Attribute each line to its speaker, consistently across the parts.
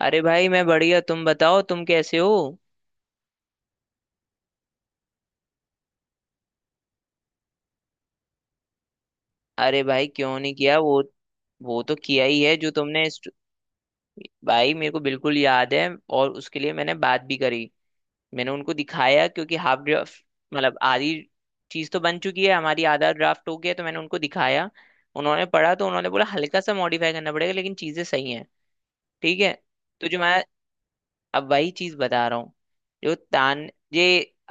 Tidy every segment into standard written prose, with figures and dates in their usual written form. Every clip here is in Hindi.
Speaker 1: अरे भाई, मैं बढ़िया। तुम बताओ, तुम कैसे हो? अरे भाई, क्यों नहीं किया वो। वो तो किया ही है जो तुमने भाई, मेरे को बिल्कुल याद है। और उसके लिए मैंने बात भी करी। मैंने उनको दिखाया क्योंकि हाफ ड्राफ्ट, मतलब आधी चीज तो बन चुकी है हमारी। आधा ड्राफ्ट हो गया तो मैंने उनको दिखाया। उन्होंने पढ़ा तो उन्होंने बोला हल्का सा मॉडिफाई करना पड़ेगा, लेकिन चीजें सही हैं। ठीक है। तो जो मैं अब वही चीज बता रहा हूँ। जो तान ये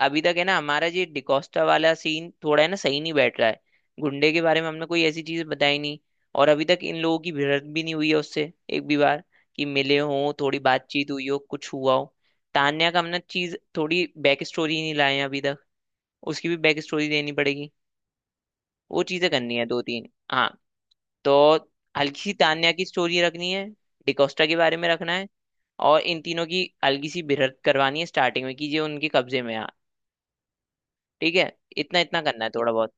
Speaker 1: अभी तक है ना, हमारा ये डिकोस्टा वाला सीन थोड़ा है ना सही नहीं बैठ रहा है। गुंडे के बारे में हमने कोई ऐसी चीज बताई नहीं। और अभी तक इन लोगों की भिड़ंत भी नहीं हुई है उससे एक भी बार, कि मिले हों, थोड़ी बातचीत हुई हो, कुछ हुआ हो। तान्या का हमने चीज थोड़ी बैक स्टोरी नहीं लाए हैं अभी तक। उसकी भी बैक स्टोरी देनी पड़ेगी। वो चीजें करनी है दो तीन, हाँ। तो हल्की सी तान्या की स्टोरी रखनी है। डिकोस्टा के बारे में रखना है। और इन तीनों की हल्की सी भिड़ंत करवानी है स्टार्टिंग में, कि ये उनके कब्जे में आ। ठीक है। इतना इतना करना है, थोड़ा बहुत।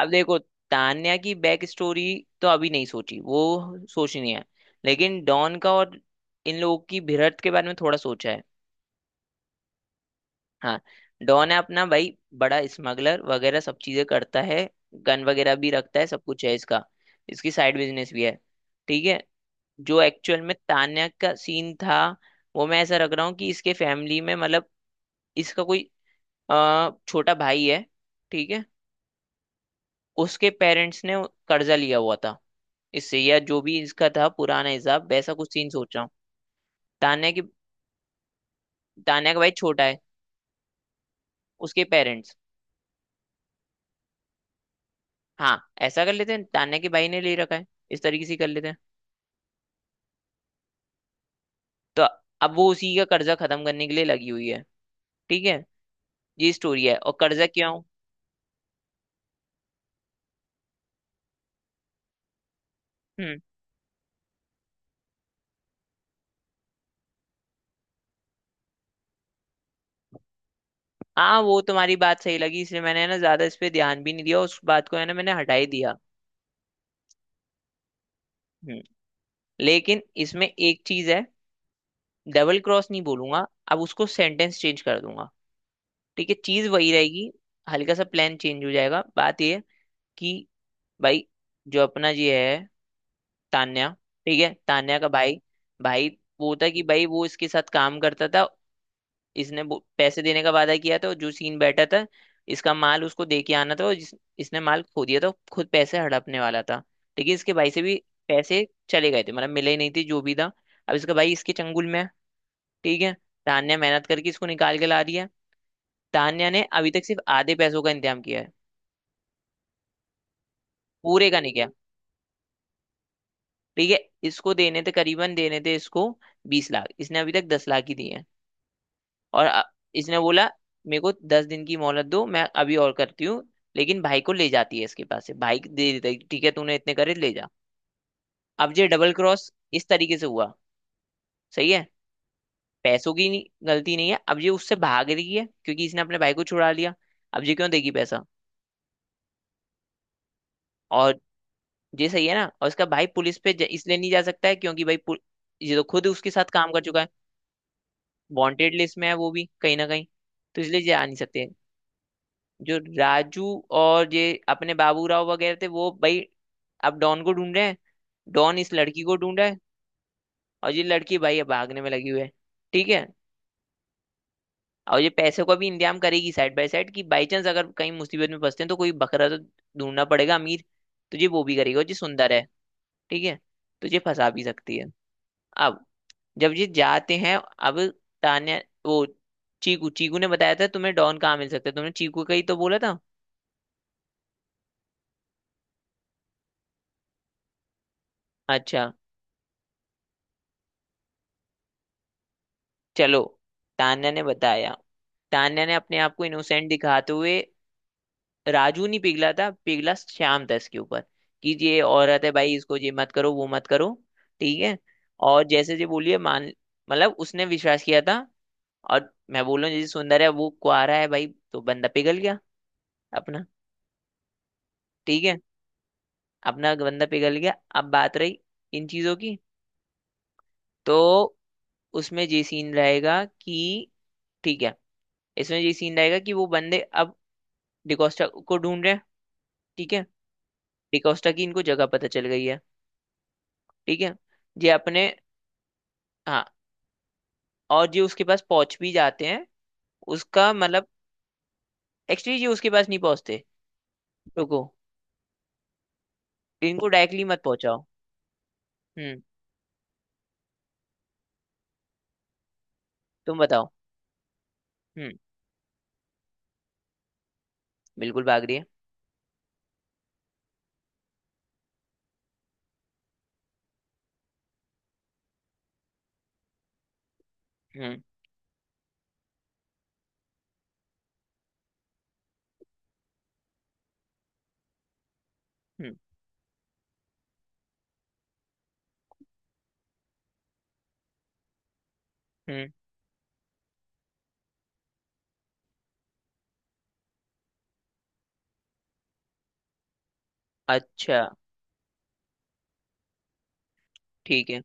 Speaker 1: अब देखो, तान्या की बैक स्टोरी तो अभी नहीं सोची, वो सोचनी है। लेकिन डॉन का और इन लोगों की भिड़ंत के बारे में थोड़ा सोचा है। हाँ। डॉन है अपना भाई, बड़ा स्मगलर वगैरह सब चीजें करता है। गन वगैरह भी रखता है, सब कुछ है इसका। इसकी साइड बिजनेस भी है। ठीक है। जो एक्चुअल में तान्या का सीन था, वो मैं ऐसा रख रहा हूँ कि इसके फैमिली में, मतलब इसका कोई छोटा भाई है। ठीक है। उसके पेरेंट्स ने कर्जा लिया हुआ था इससे, या जो भी इसका था पुराना हिसाब, वैसा कुछ सीन सोच रहा हूँ। तान्या की। तान्या का भाई छोटा है। उसके पेरेंट्स। हाँ, ऐसा कर लेते हैं, तान्या के भाई ने ले रखा है। इस तरीके से कर लेते हैं। तो अब वो उसी का कर्जा खत्म करने के लिए लगी हुई है। ठीक है। ये स्टोरी है। और कर्जा क्यों। हम्म। हाँ, वो तुम्हारी बात सही लगी, इसलिए मैंने ना ज्यादा इस पे ध्यान भी नहीं दिया उस बात को, है ना, मैंने हटा ही दिया। हम्म। लेकिन इसमें एक चीज है। डबल क्रॉस नहीं बोलूंगा। अब उसको सेंटेंस चेंज कर दूंगा, ठीक है, चीज वही रहेगी। हल्का सा प्लान चेंज हो जाएगा। बात ये है कि भाई, जो अपना ये है, तान्या, ठीक है, तान्या का भाई, भाई वो था कि भाई, वो इसके साथ काम करता था। इसने वो पैसे देने का वादा किया था, और जो सीन बैठा था, इसका माल उसको दे के आना था और इसने माल खो दिया था, खुद पैसे हड़पने वाला था। ठीक है। इसके भाई से भी पैसे चले गए थे, मतलब मिले ही नहीं थे जो भी था। अब इसका भाई इसके चंगुल में है। ठीक है। तान्या मेहनत करके इसको निकाल के ला रही है। तान्या ने अभी तक सिर्फ आधे पैसों का इंतजाम किया है, पूरे का नहीं किया। ठीक है। इसको देने थे करीबन, देने थे इसको 20 लाख। इसने अभी तक 10 लाख ही दिए हैं। और इसने बोला मेरे को 10 दिन की मोहलत दो, मैं अभी और करती हूँ। लेकिन भाई को ले जाती है इसके पास से, भाई दे देता है कि ठीक है, तूने इतने करे ले जा। अब ये डबल क्रॉस इस तरीके से हुआ। सही है। पैसों की नहीं, गलती नहीं है। अब ये उससे भाग रही है क्योंकि इसने अपने भाई को छुड़ा लिया। अब ये क्यों देगी पैसा। और ये सही है ना। और इसका भाई पुलिस पे इसलिए नहीं जा सकता है क्योंकि ये तो खुद उसके साथ काम कर चुका है। वांटेड लिस्ट में है वो भी कहीं ना कहीं, तो इसलिए जा नहीं सकते। जो राजू और ये अपने बाबूराव वगैरह थे वो भाई, अब डॉन को ढूंढ रहे हैं। डॉन इस लड़की को ढूंढ रहा है। और ये लड़की भाई अब भागने में लगी हुई है। ठीक है। और ये पैसे का भी इंतजाम करेगी साइड बाय साइड, कि बाई चांस अगर कहीं मुसीबत में फंसते हैं तो कोई बकरा तो ढूंढना पड़ेगा अमीर। तो ये वो भी करेगा। और ये सुंदर है, ठीक है, तो ये फंसा भी सकती है। अब जब ये जाते हैं अब, तान्या, वो, चीकू चीकू ने बताया था तुम्हें डॉन कहाँ मिल सकता है, तुमने चीकू का ही तो बोला था। अच्छा। चलो, तान्या ने बताया। तान्या ने अपने आप को इनोसेंट दिखाते हुए, राजू नहीं पिघला था, पिघला श्याम था इसके ऊपर। कि ये औरत है भाई, इसको ये मत करो वो मत करो। ठीक है। और जैसे जी बोलिए मान, मतलब उसने विश्वास किया था। और मैं बोल रहा हूँ, जैसे सुंदर है, वो कुआरा है भाई, तो बंदा पिघल गया अपना। ठीक है। अपना बंदा पिघल गया। अब बात रही इन चीजों की। तो उसमें ये सीन रहेगा कि, ठीक है, इसमें ये सीन रहेगा कि वो बंदे अब डिकोस्टा को ढूंढ रहे हैं। ठीक है। डिकोस्टा की इनको जगह पता चल गई है। ठीक है। ये अपने, हाँ, और ये उसके पास पहुंच भी जाते हैं। उसका मतलब, एक्चुअली ये उसके पास नहीं पहुंचते, रुको। इनको डायरेक्टली मत पहुंचाओ। हम्म। तुम बताओ। हम्म। बिल्कुल भाग रही है। हम्म। हम्म। हम्म। अच्छा। ठीक है।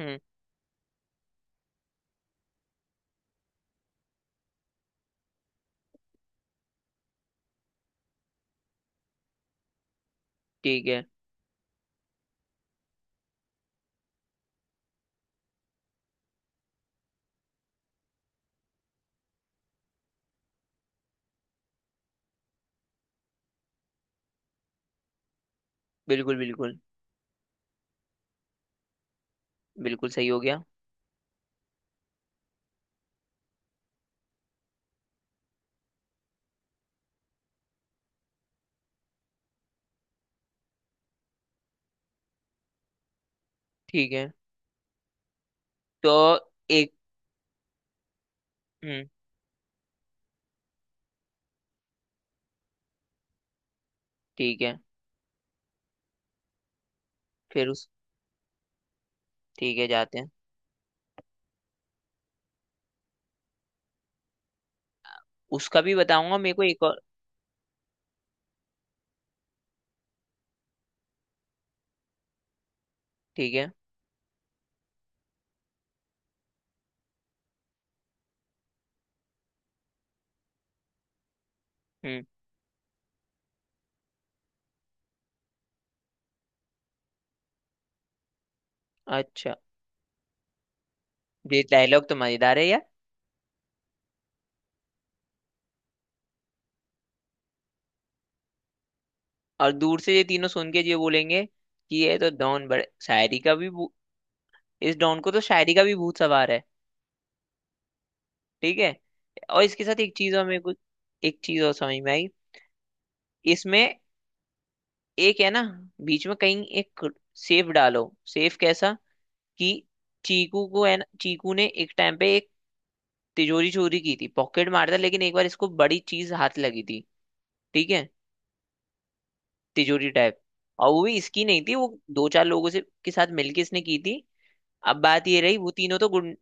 Speaker 1: हम्म। ठीक है। बिल्कुल। बिल्कुल। बिल्कुल सही हो गया। ठीक है। तो एक, हम्म, ठीक है, फिर उस, ठीक है, जाते हैं। उसका भी बताऊंगा। मेरे को एक और, ठीक है, हम्म, अच्छा, ये डायलॉग तो मजेदार है यार। और दूर से ये तीनों सुन के ये बोलेंगे कि ये तो डॉन बड़े शायरी का भी इस डॉन को तो शायरी का भी भूत सवार है। ठीक है। और इसके साथ एक चीज और मेरे को, एक चीज और समझ में आई। इसमें एक है ना, बीच में कहीं एक सेफ डालो। सेफ कैसा? कि चीकू को है ना, चीकू ने एक टाइम पे एक तिजोरी चोरी की थी। पॉकेट मारता, लेकिन एक बार इसको बड़ी चीज हाथ लगी थी। ठीक है। तिजोरी टाइप। और वो भी इसकी नहीं थी, वो दो चार लोगों से के साथ मिलके इसने की थी। अब बात ये रही, वो तीनों तो गुंड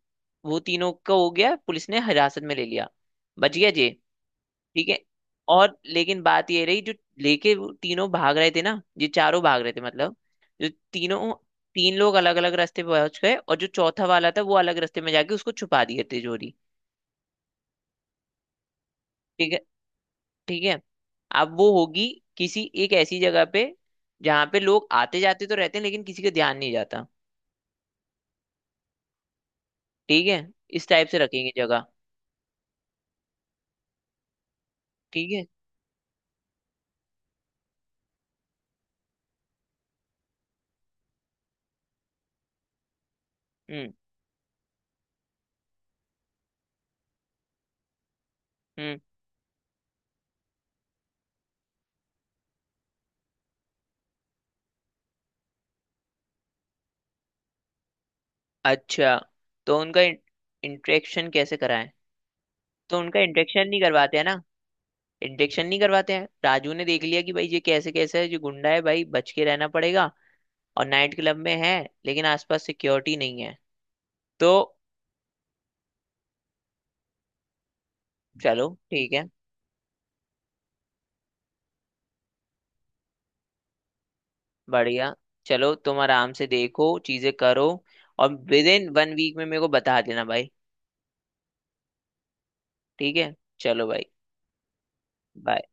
Speaker 1: वो तीनों का हो गया, पुलिस ने हिरासत में ले लिया। बच गया जे। ठीक है। और लेकिन बात ये रही, जो लेके वो तीनों भाग रहे थे ना, ये चारों भाग रहे थे, मतलब जो तीनों, तीन लोग अलग अलग रास्ते पहुंच गए, और जो चौथा वाला था वो अलग रास्ते में जाके उसको छुपा दिया तिजोरी। ठीक है। ठीक है। अब वो होगी किसी एक ऐसी जगह पे जहां पे लोग आते जाते तो रहते हैं, लेकिन किसी का ध्यान नहीं जाता। ठीक है। इस टाइप से रखेंगे जगह। ठीक है। हम्म। हम्म। अच्छा, तो उनका इंट्रेक्शन कैसे कराएं। तो उनका इंट्रेक्शन नहीं करवाते हैं ना। इंट्रेक्शन नहीं करवाते हैं। राजू ने देख लिया कि भाई ये कैसे कैसे है, जो गुंडा है भाई, बच के रहना पड़ेगा। और नाइट क्लब में है, लेकिन आसपास सिक्योरिटी नहीं है। तो चलो ठीक है। बढ़िया। चलो, तुम आराम से देखो, चीजें करो। और विद इन 1 वीक में मेरे को बता देना भाई। ठीक है। चलो भाई। bye।